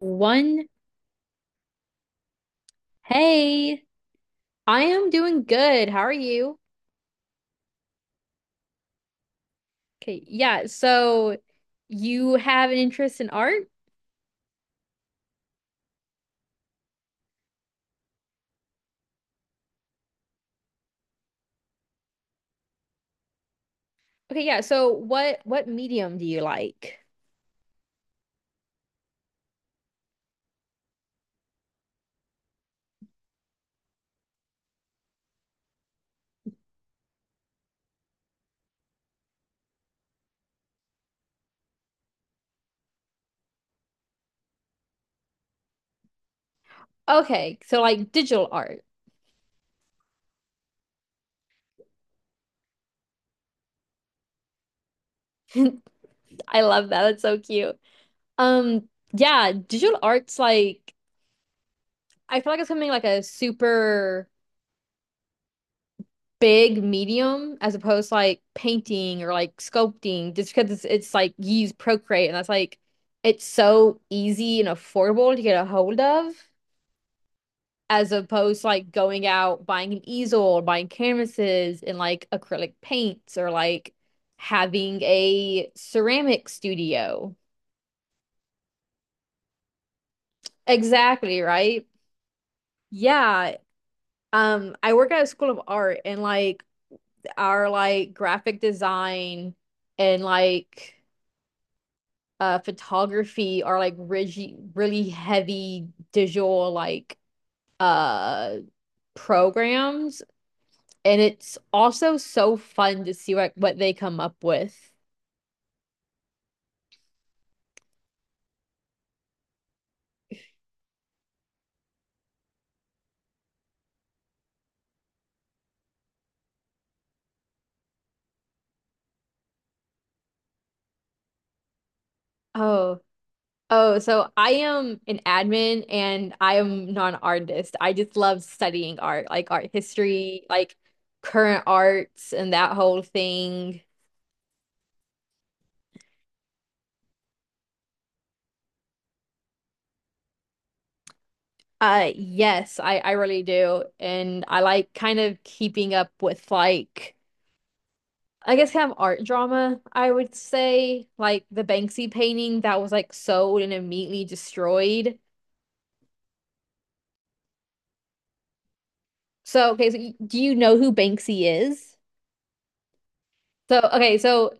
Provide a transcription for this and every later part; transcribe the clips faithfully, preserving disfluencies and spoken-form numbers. One. Hey, I am doing good. How are you? Okay, yeah. So you have an interest in art? Okay, yeah. So what what medium do you like? Okay, so like digital art. I love that. That's so cute. Um, yeah, digital art's like I feel like it's something like a super big medium as opposed to like painting or like sculpting just because it's it's like you use Procreate and that's like it's so easy and affordable to get a hold of. As opposed to like going out buying an easel or buying canvases and like acrylic paints or like having a ceramic studio. Exactly, right? Yeah. Um, I work at a school of art and like our like graphic design and like uh photography are like really really heavy digital like uh programs. And it's also so fun to see what, what they come up with. Oh, oh, so I am an admin and I am not an artist. I just love studying art, like art history, like current arts and that whole thing. Uh yes, I I really do. And I like kind of keeping up with like I guess kind of art drama, I would say, like the Banksy painting that was like sold and immediately destroyed. So, okay, so y- do you know who Banksy is? So, okay, so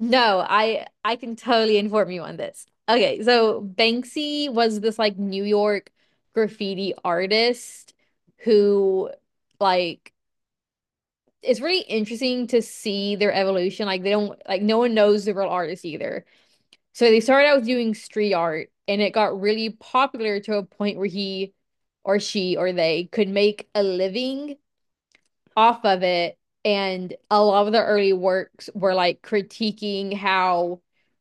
no, I I can totally inform you on this. Okay, so Banksy was this like New York graffiti artist who like it's really interesting to see their evolution. Like they don't like no one knows the real artist either. So they started out with doing street art and it got really popular to a point where he or she or they could make a living off of it. And a lot of the early works were like critiquing how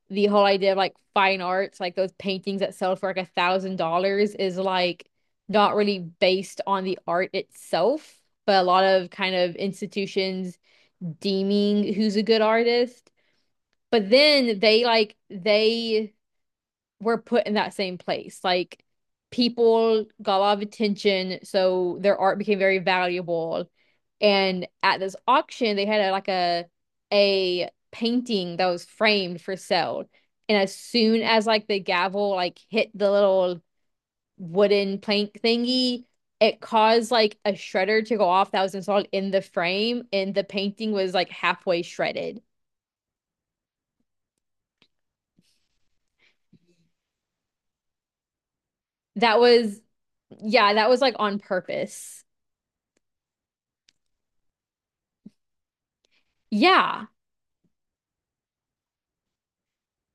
the whole idea of like fine arts, like those paintings that sell for like a thousand dollars, is like not really based on the art itself, but a lot of kind of institutions deeming who's a good artist. But then they like they were put in that same place. Like people got a lot of attention, so their art became very valuable. And at this auction, they had a, like a a painting that was framed for sale. And as soon as like the gavel like hit the little wooden plank thingy, it caused like a shredder to go off that was installed in the frame, and the painting was like halfway shredded. That was, yeah, that was like on purpose. Yeah,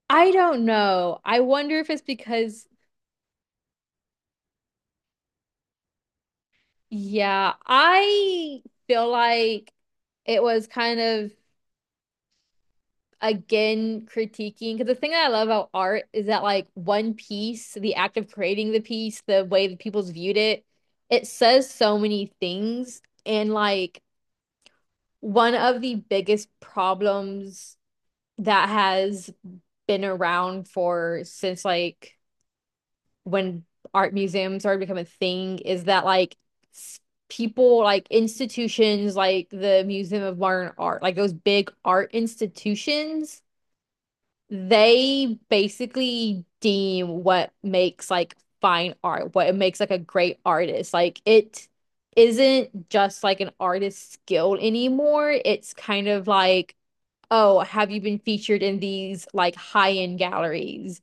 I don't know. I wonder if it's because, yeah, I feel like it was kind of again critiquing because the thing that I love about art is that like one piece, the act of creating the piece, the way that people's viewed it, it says so many things. And like one of the biggest problems that has been around for since like when art museums started becoming a thing is that like people like institutions like the Museum of Modern Art, like those big art institutions, they basically deem what makes like fine art, what it makes like a great artist. Like it isn't just like an artist's skill anymore. It's kind of like, oh, have you been featured in these like high-end galleries?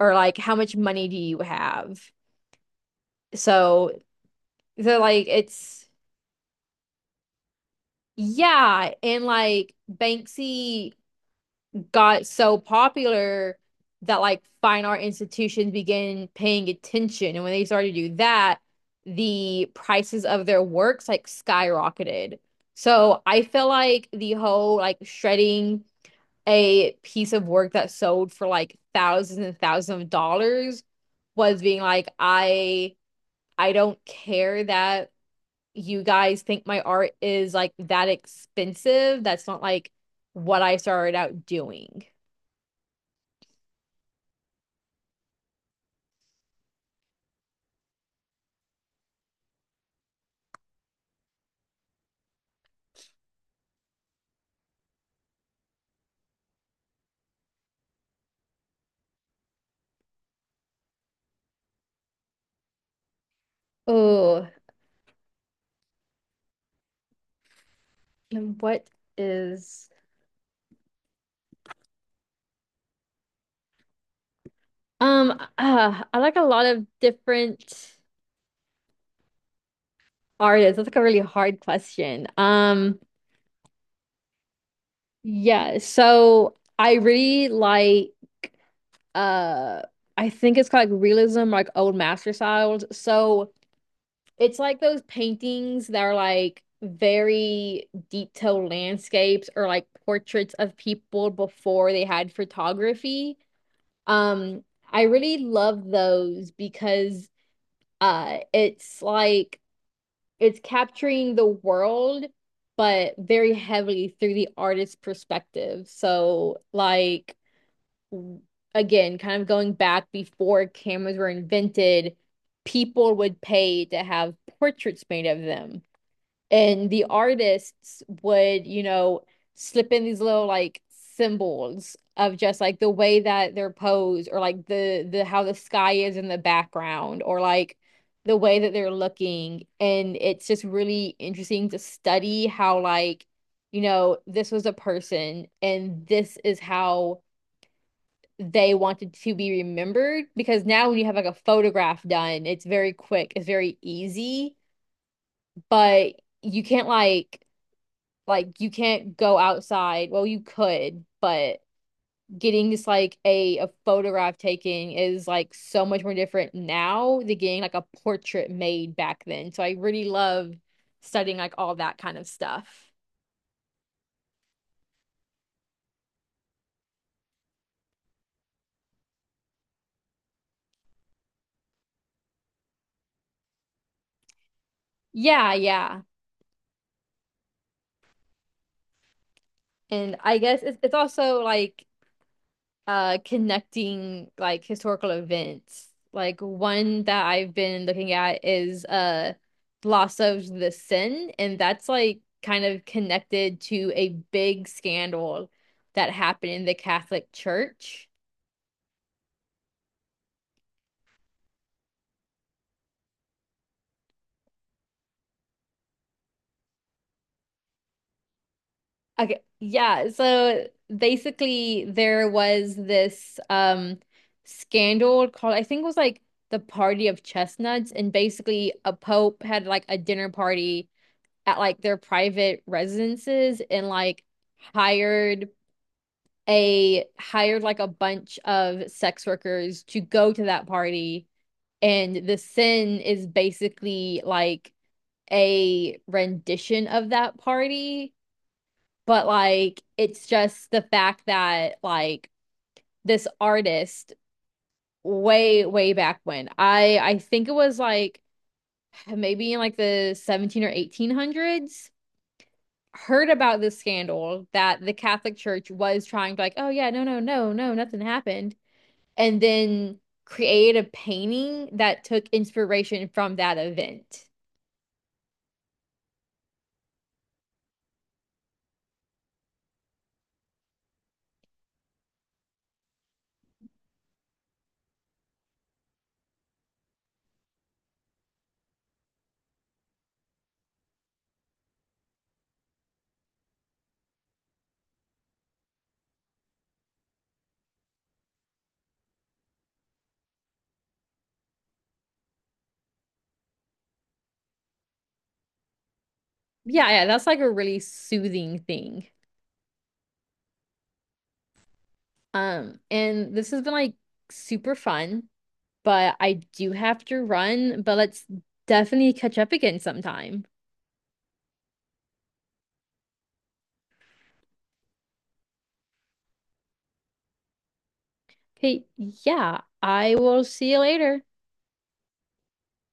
Or like how much money do you have? So they're like, it's, yeah. And like Banksy got so popular that like fine art institutions began paying attention. And when they started to do that, the prices of their works like skyrocketed. So I feel like the whole like shredding a piece of work that sold for like thousands and thousands of dollars was being like, I I don't care that you guys think my art is like that expensive. That's not like what I started out doing. Oh, and what is um uh, I like a lot of different artists. That's like a really hard question. Um yeah, so I really like uh I think it's called like realism, like old master styles. So it's like those paintings that are like very detailed landscapes or like portraits of people before they had photography. Um, I really love those because uh it's like it's capturing the world but very heavily through the artist's perspective. So like w- again, kind of going back before cameras were invented, people would pay to have portraits made of them and the artists would, you know, slip in these little like symbols of just like the way that they're posed or like the the how the sky is in the background or like the way that they're looking and it's just really interesting to study how like you know this was a person and this is how they wanted to be remembered because now when you have like a photograph done it's very quick it's very easy but you can't like like you can't go outside. Well, you could, but getting just like a, a photograph taken is like so much more different now than getting like a portrait made back then. So I really love studying like all that kind of stuff. Yeah, yeah. And I guess it's, it's also like uh connecting like historical events. Like one that I've been looking at is uh Loss of the Sin, and that's like kind of connected to a big scandal that happened in the Catholic Church. Okay, yeah, so basically there was this um scandal called I think it was like the Party of Chestnuts, and basically a pope had like a dinner party at like their private residences and like hired a hired like a bunch of sex workers to go to that party and the sin is basically like a rendition of that party but like it's just the fact that like this artist way way back when I I think it was like maybe in like the seventeen or eighteen hundreds heard about this scandal that the Catholic Church was trying to like, oh yeah, no, no, no, no, nothing happened, and then create a painting that took inspiration from that event. Yeah, yeah, that's like a really soothing thing. Um, and this has been like super fun, but I do have to run, but let's definitely catch up again sometime. Okay, yeah, I will see you later.